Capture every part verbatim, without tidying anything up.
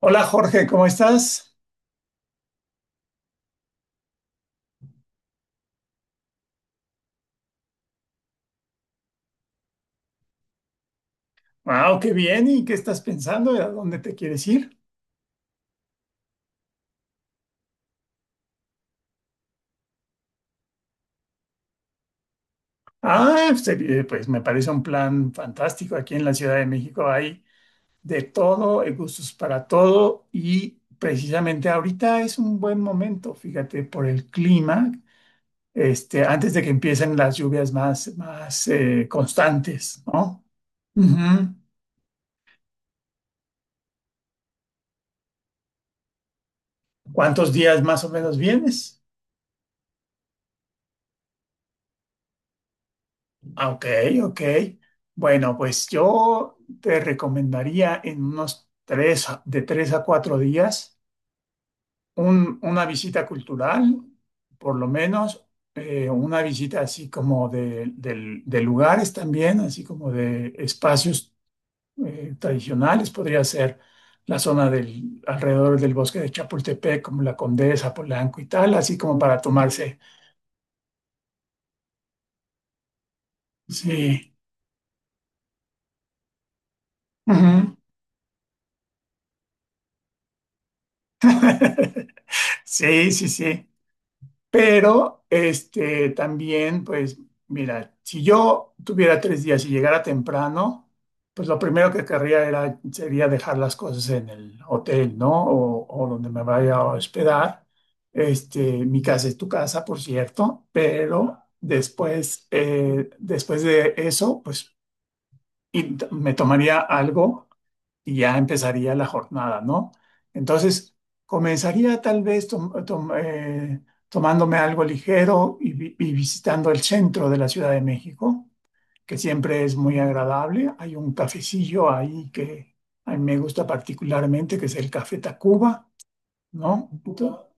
Hola Jorge, ¿cómo estás? Wow, qué bien. ¿Y qué estás pensando? ¿A dónde te quieres ir? Ah, pues eh, pues, me parece un plan fantástico. Aquí en la Ciudad de México hay de todo, hay gustos para todo y precisamente ahorita es un buen momento, fíjate, por el clima, este, antes de que empiecen las lluvias más, más eh, constantes, ¿no? Ujú. ¿Cuántos días más o menos vienes? Ah, Ok, ok. Bueno, pues yo te recomendaría en unos tres, a- de tres a cuatro días un- una visita cultural, por lo menos eh, una visita así como de, del- de lugares también, así como de espacios eh, tradicionales. Podría ser la zona del, alrededor del bosque de Chapultepec, como la Condesa, Polanco y tal, así como para tomarse. Sí. Ujú. Sí, sí, sí. Pero, este, también, pues, mira, si yo tuviera tres días y llegara temprano, pues lo primero que querría era, sería dejar las cosas en el hotel, ¿no? O, o donde me vaya a hospedar. Este, mi casa es tu casa, por cierto, pero después, eh, después de eso, pues, y t- me tomaría algo y ya empezaría la jornada, ¿no? Entonces, comenzaría tal vez tom- tom- eh, tomándome algo ligero y, vi- y visitando el centro de la Ciudad de México, que siempre es muy agradable. Hay un cafecillo ahí que a mí me gusta particularmente, que es el Café Tacuba, ¿no? To-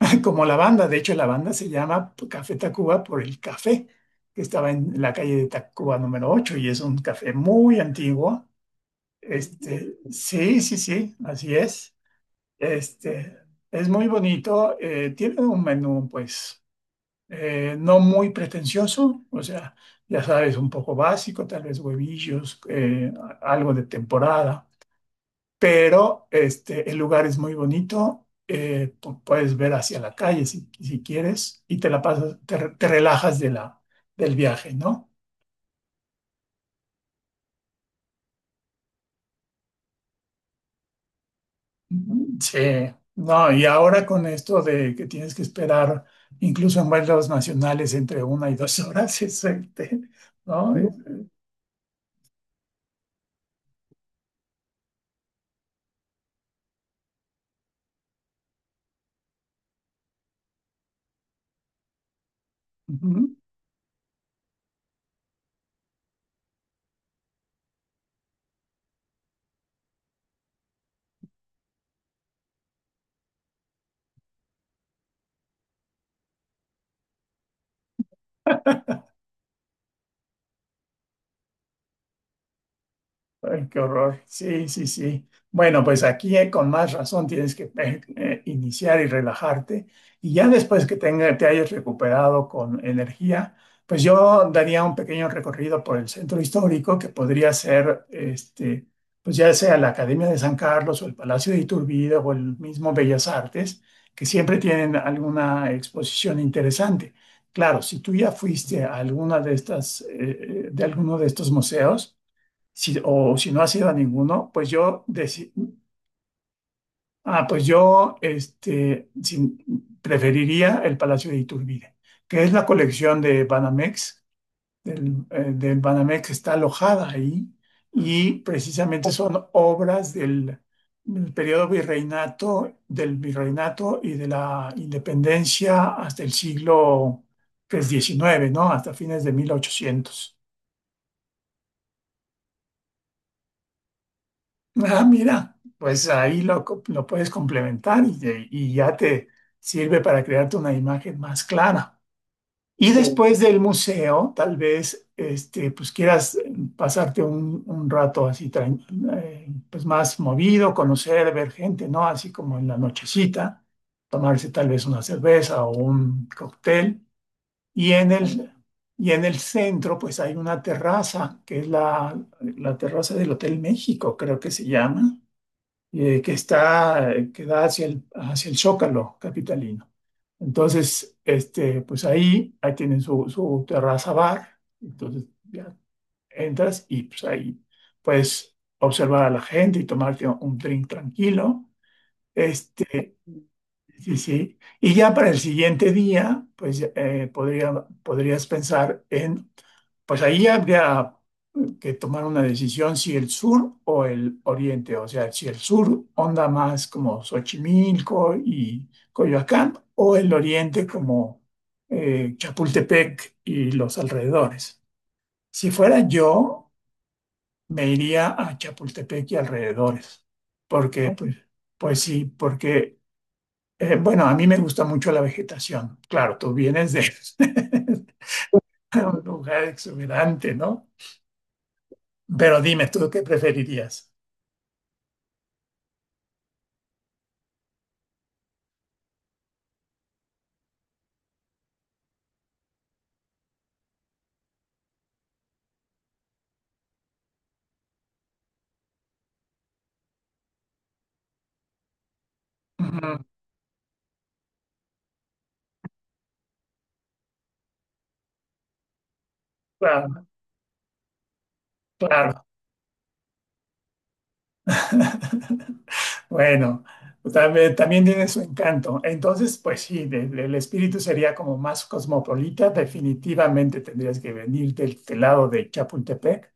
Como la banda, de hecho la banda se llama Café Tacuba por el café, que estaba en la calle de Tacuba número ocho y es un café muy antiguo, este, sí, sí, sí, así es. Este, es muy bonito. Eh, tiene un menú, pues, eh, no muy pretencioso, o sea, ya sabes, un poco básico, tal vez huevillos, eh, a- algo de temporada, pero este, el lugar es muy bonito. Eh, pu- puedes ver hacia la calle si, si quieres y te la pasas, te, re- te relajas de la, del viaje, ¿no? Sí, no, y ahora con esto de que tienes que esperar incluso en vuelos nacionales entre una y dos horas, es, este, ¿no? Sí. Ujú. Ay, qué horror. Sí, sí, sí. Bueno, pues aquí eh, con más razón tienes que eh, eh, iniciar y relajarte. Y ya después que tenga- te hayas recuperado con energía, pues yo daría un pequeño recorrido por el centro histórico que podría ser, este, pues ya sea la Academia de San Carlos o el Palacio de Iturbide o el mismo Bellas Artes, que siempre tienen alguna exposición interesante. Claro, si tú ya fuiste a alguna de estas, eh, eh, de alguno de estos museos, si, o si no has ido a ninguno, pues yo, deci- ah, pues yo este, sin- preferiría el Palacio de Iturbide, que es la colección de Banamex. Del, eh, del Banamex está alojada ahí y precisamente son obras del, del periodo virreinato, del virreinato y de la independencia hasta el siglo, pues, diecinueve, ¿no? Hasta fines de mil ochocientos. Ah, mira, pues ahí lo, co- lo puedes complementar y, y ya te sirve para crearte una imagen más clara. Y sí, después del museo, tal vez este, pues quieras eh, pasarte un, un rato así tran- eh, pues más movido, conocer, ver gente, ¿no? Así como en la nochecita, tomarse tal vez una cerveza o un cóctel. Y en el, y en el centro, pues hay una terraza, que es la, la terraza del Hotel México, creo que se llama, eh, que está, que da hacia el, hacia el Zócalo capitalino. Entonces, este, pues ahí, ahí tienen su, su terraza bar, entonces ya entras y pues ahí puedes observar a la gente y tomarte un drink tranquilo. Este, sí, sí. Y ya para el siguiente día, pues eh, podría, podrías pensar en, pues ahí habría que tomar una decisión si el sur o el oriente, o sea, si el sur onda más como Xochimilco y Coyoacán, o el oriente como eh, Chapultepec y los alrededores. Si fuera yo, me iría a Chapultepec y alrededores, porque Ok, pues, pues sí, porque eh, bueno, a mí me gusta mucho la vegetación. Claro, tú vienes de un lugar exuberante, ¿no? Pero dime tú qué preferirías. Ujú, claro, claro. Bueno, también, también tiene su encanto. Entonces, pues sí, de- de- el espíritu sería como más cosmopolita. Definitivamente tendrías que venir del, del lado de Chapultepec,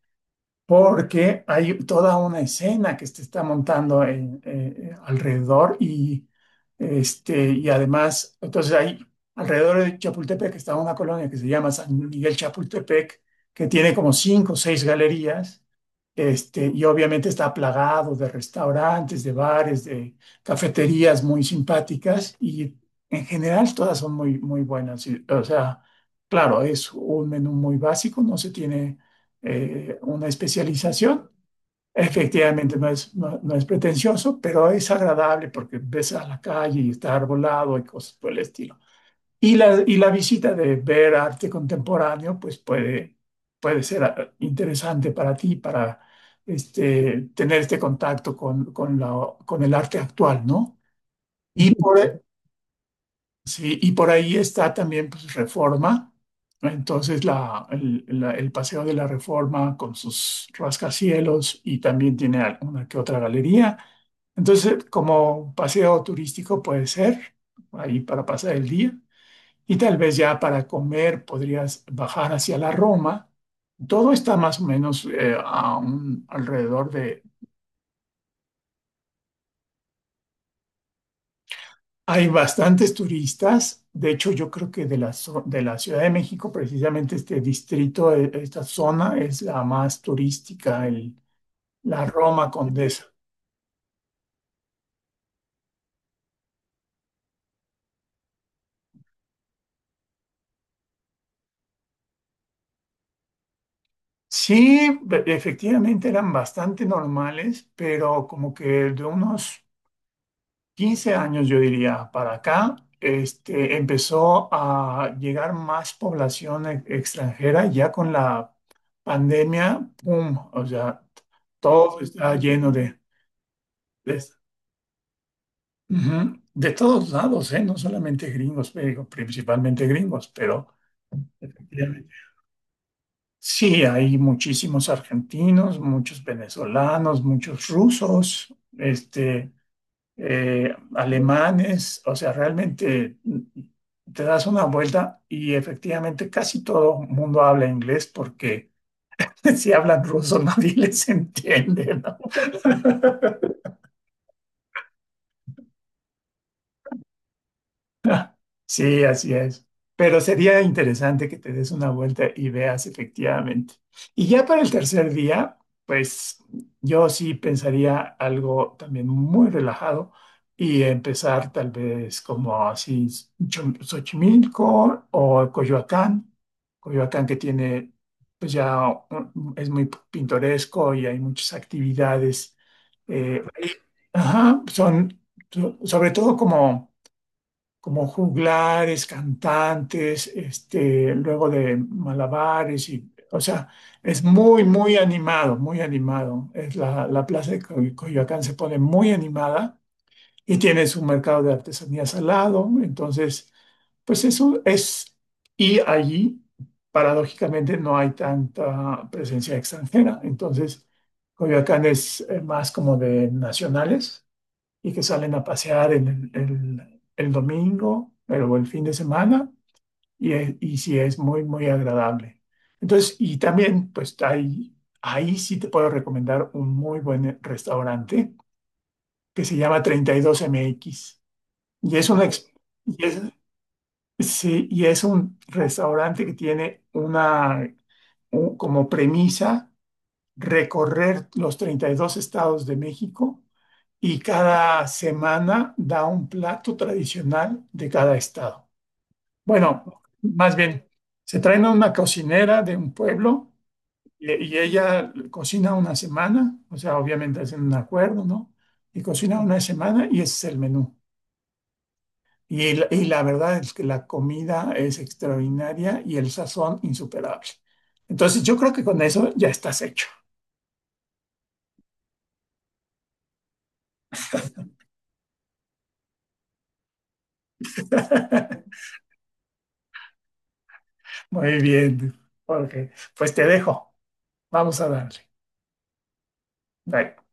porque hay toda una escena que se está montando en- eh, alrededor y, este, y además, entonces hay, alrededor de Chapultepec está una colonia que se llama San Miguel Chapultepec, que tiene como cinco o seis galerías. Este, y obviamente está plagado de restaurantes, de bares, de cafeterías muy simpáticas y en general todas son muy, muy buenas. Y, o sea, claro, es un menú muy básico, no se tiene eh, una especialización. Efectivamente, no es, no, no es pretencioso, pero es agradable porque ves a la calle y está arbolado y cosas por el estilo. Y la, y la visita de ver arte contemporáneo, pues puede, puede ser, ah, interesante para ti, para, este, tener este contacto con, con, la- con el arte actual, ¿no? Y por, sí, y por ahí está también, pues, Reforma, entonces la, el, la- el Paseo de la Reforma con sus rascacielos y también tiene al- una que otra galería. Entonces, como paseo turístico puede ser, ahí para pasar el día. Y tal vez ya para comer podrías bajar hacia la Roma. Todo está más o menos eh, a un- alrededor de... Hay bastantes turistas. De hecho, yo creo que de la, zo- de la Ciudad de México, precisamente este distrito, eh, esta zona es la más turística, el- la Roma Condesa. Sí, be- efectivamente eran bastante normales, pero como que de unos quince años, yo diría, para acá, este, empezó a llegar más población e- extranjera ya con la pandemia, ¡pum! O sea, todo está lleno de, de, Ujú. De todos lados, ¿eh? No solamente gringos, pero principalmente gringos, pero efectivamente, sí, hay muchísimos argentinos, muchos venezolanos, muchos rusos, este eh, alemanes, o sea, realmente mm, te das una vuelta y efectivamente casi todo el mundo habla inglés porque si hablan ruso nadie les entiende, ¿no? Sí, así es. Pero sería interesante que te des una vuelta y veas efectivamente. Y ya para el tercer día, pues yo sí pensaría algo también muy relajado y empezar tal vez como así Cho- Xochimilco o Coyoacán. Coyoacán que tiene, pues ya un- es muy pintoresco y hay muchas actividades eh, ahí. Ajá, son so- sobre todo como como juglares, cantantes, este, luego de malabares y, o sea, es muy, muy animado, muy animado. Es la, la plaza de Coy- Coyoacán se pone muy animada y tiene su mercado de artesanías al lado. Entonces, pues eso es, y allí, paradójicamente, no hay tanta presencia extranjera. Entonces, Coyoacán es eh, más como de nacionales y que salen a pasear el, el- el domingo el- o el fin de semana y, es- y sí es muy, muy agradable. Entonces, y también, pues hay, ahí sí te puedo recomendar un muy buen restaurante que se llama treinta y dos M X y es una, ex- y es, sí, y es un restaurante que tiene una, un- como premisa recorrer los treinta y dos estados de México y cada semana da un plato tradicional de cada estado. Bueno, más bien, se traen a una cocinera de un pueblo y, y ella cocina una semana, o sea, obviamente hacen un acuerdo, ¿no? Y cocina una semana y ese es el menú. Y, la- y la verdad es que la comida es extraordinaria y el sazón insuperable. Entonces yo creo que con eso ya estás hecho. Muy bien, Jorge. Pues te dejo. Vamos a darle. Bye.